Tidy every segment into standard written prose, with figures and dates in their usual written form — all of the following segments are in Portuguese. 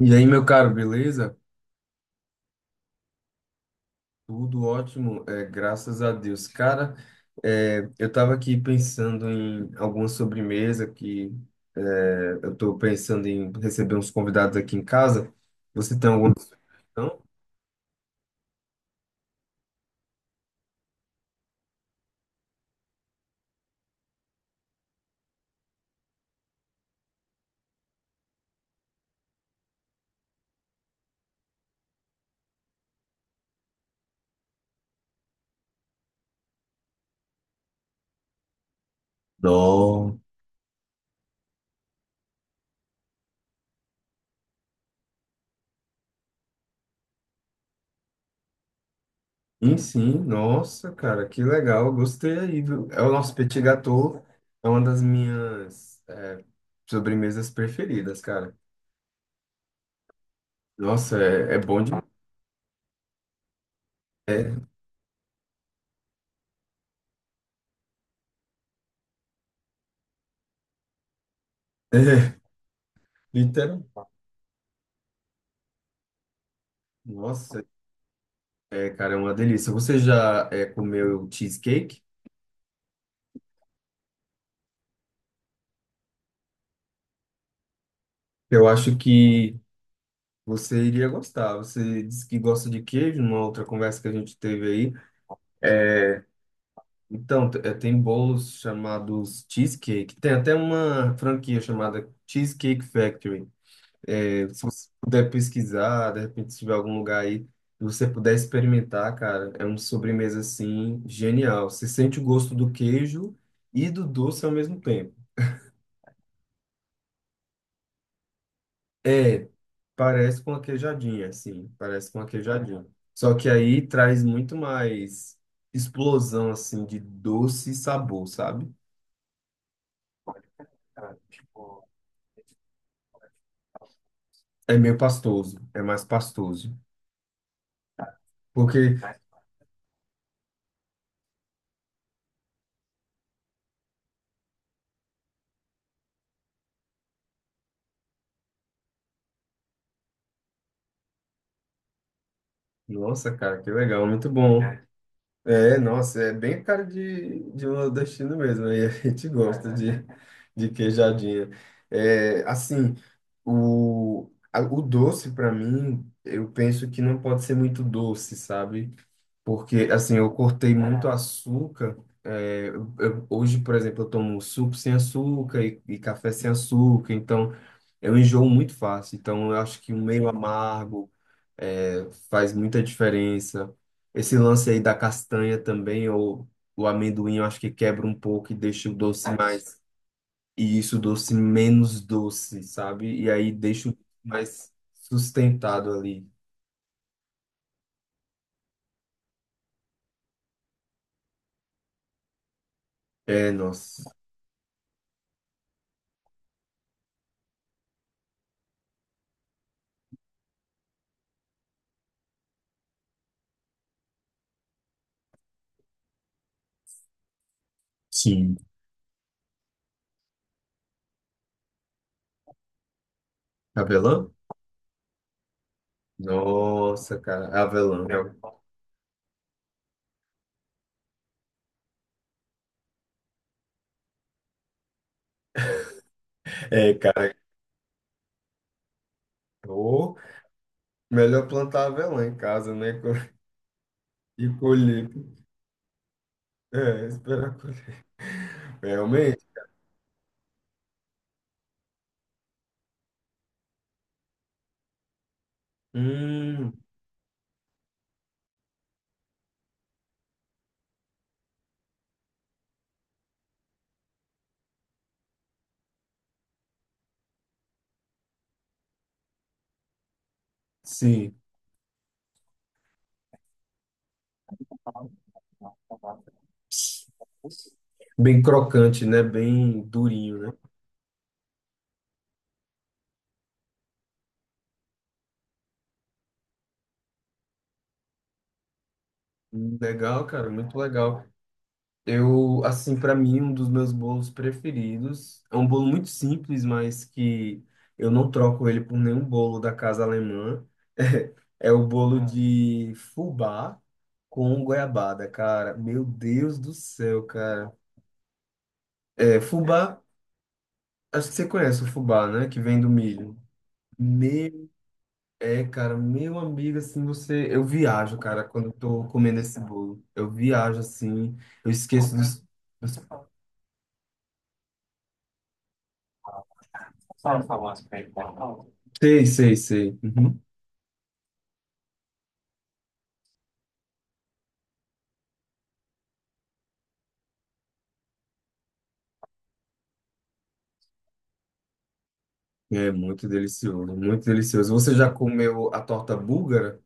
E aí, meu caro, beleza? Tudo ótimo, graças a Deus. Cara, eu estava aqui pensando em alguma sobremesa que é, eu estou pensando em receber uns convidados aqui em casa. Você tem alguma sugestão? Não. Sim, sim, nossa, cara, que legal, gostei aí, viu? É o nosso petit gâteau, é uma das minhas sobremesas preferidas, cara. Nossa, é bom demais. É, literal. Nossa. Cara, é uma delícia. Você já comeu cheesecake? Eu acho que você iria gostar. Você disse que gosta de queijo, numa outra conversa que a gente teve aí. É, então, tem bolos chamados cheesecake. Tem até uma franquia chamada Cheesecake Factory. É, se você puder pesquisar, de repente, se tiver algum lugar aí, e você puder experimentar, cara, é uma sobremesa assim genial. Você sente o gosto do queijo e do doce ao mesmo tempo. É, parece com a queijadinha, sim, parece com a queijadinha. Só que aí traz muito mais explosão, assim, de doce e sabor, sabe? É meio pastoso, é mais pastoso. Porque, nossa, cara, que legal, muito bom. É, nossa, é bem a cara de um nordestino mesmo, aí a gente gosta de queijadinha. É, assim, o doce, para mim, eu penso que não pode ser muito doce, sabe? Porque, assim, eu cortei muito açúcar. É, hoje, por exemplo, eu tomo suco sem açúcar e café sem açúcar. Então, eu enjoo muito fácil. Então, eu acho que o meio amargo faz muita diferença. Esse lance aí da castanha também, ou o amendoim, eu acho que quebra um pouco e deixa o doce mais... E isso, o doce menos doce, sabe? E aí deixa o mais sustentado ali. É, nossa. Sim. Cabelão? Nossa, cara, avelã. Né? É, cara, ô, melhor plantar avelã em casa, né? co- E colher. É, esperar colher. Realmente. Hum, sim. Bem crocante, né? Bem durinho, né? Legal, cara, muito legal. Eu, assim, para mim, um dos meus bolos preferidos é um bolo muito simples, mas que eu não troco ele por nenhum bolo da casa alemã. É, o bolo de fubá com goiabada, cara. Meu Deus do céu, cara. É, fubá, acho que você conhece o fubá, né? Que vem do milho. Meu, é, cara, meu amigo, assim, você. Eu viajo, cara, quando eu tô comendo esse bolo. Eu viajo, assim, eu esqueço dos. Sei, sei, sei. Uhum. É muito delicioso, muito delicioso. Você já comeu a torta búlgara?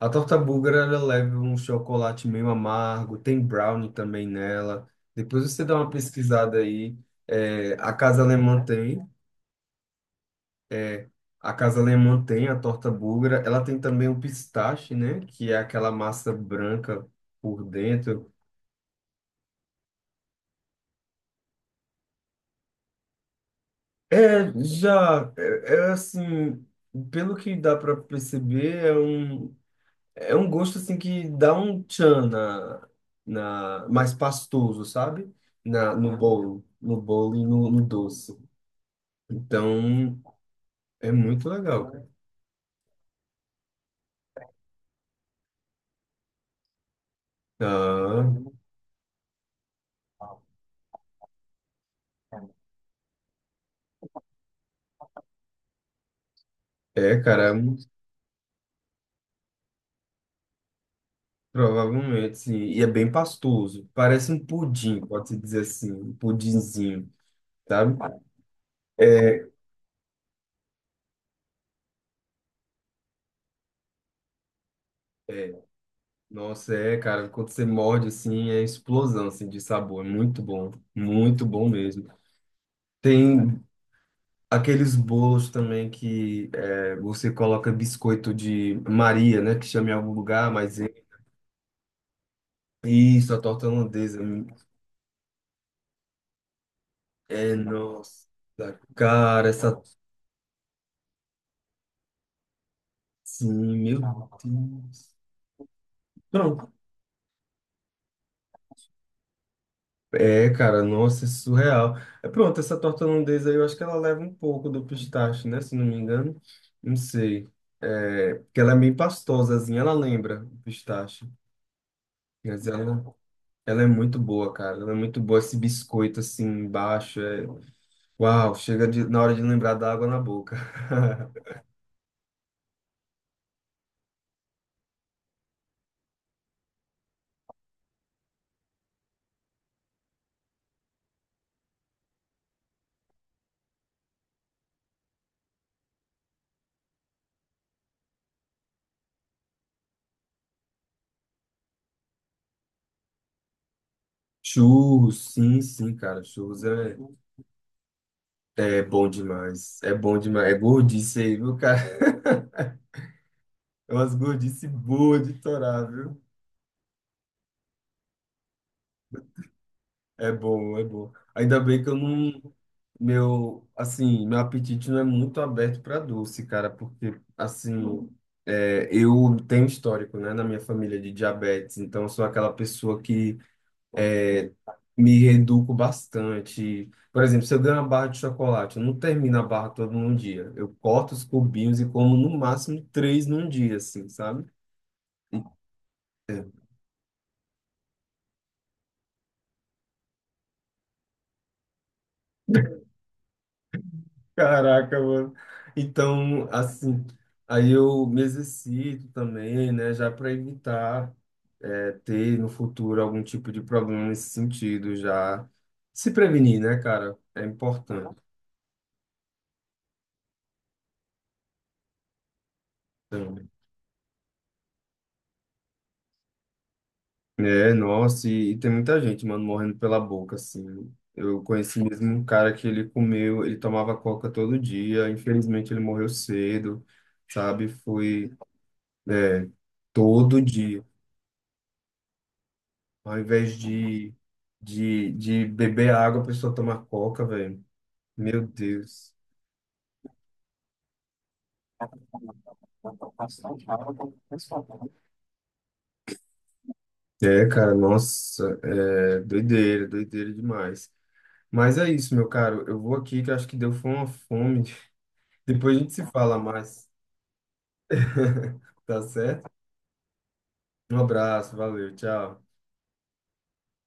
A torta búlgara, ela leva um chocolate meio amargo, tem brownie também nela. Depois você dá uma pesquisada aí. É, a Casa Alemã tem, é, a Casa Alemã tem a torta búlgara. Ela tem também o pistache, né? Que é aquela massa branca por dentro. É, já, é assim, pelo que dá para perceber, é é um gosto assim que dá um tchan na mais pastoso, sabe? No bolo, no bolo e no doce. Então, é muito legal. Ah, é, cara, é muito- provavelmente sim. E é bem pastoso. Parece um pudim, pode-se dizer assim, um pudinzinho, sabe? É, nossa, é, cara, quando você morde assim, é explosão assim de sabor, é muito bom mesmo. Tem aqueles bolos também que é, você coloca biscoito de Maria, né? Que chama em algum lugar, mas é- isso, a torta holandesa. É, nossa, cara, essa. Sim, meu Deus. Pronto. É, cara, nossa, é surreal. É, pronto, essa torta holandesa aí, eu acho que ela leva um pouco do pistache, né? Se não me engano. Não sei. É, porque ela é meio pastosazinha, ela lembra o pistache. Mas ela, ela é muito boa, cara. Ela é muito boa. Esse biscoito assim embaixo. Uau, chega de, na hora de lembrar da água na boca. Churros, sim, sim, cara. É bom demais. É bom demais. É gordice aí, viu, cara? É umas gordice boas de torar, viu? É bom, é bom. Ainda bem que eu não. Meu, assim, meu apetite não é muito aberto para doce, cara, porque, assim, é, eu tenho histórico, né, na minha família de diabetes, então eu sou aquela pessoa que é, me reduzo bastante. Por exemplo, se eu ganho uma barra de chocolate, eu não termino a barra toda num dia. Eu corto os cubinhos e como no máximo três num dia, assim, sabe? Caraca, mano. Então, assim, aí eu me exercito também, né, já para evitar ter no futuro algum tipo de problema nesse sentido, já se prevenir, né, cara? É importante. É, nossa, e tem muita gente, mano, morrendo pela boca, assim. Eu conheci mesmo um cara que ele comeu, ele tomava coca todo dia, infelizmente ele morreu cedo, sabe? Foi, é, todo dia. Ao invés de beber água, a pessoa toma coca, velho. Meu Deus. É, cara, nossa, é doideira, doideira demais. Mas é isso, meu caro, eu vou aqui que eu acho que deu foi uma fome. Depois a gente se fala mais, tá certo? Um abraço, valeu, tchau.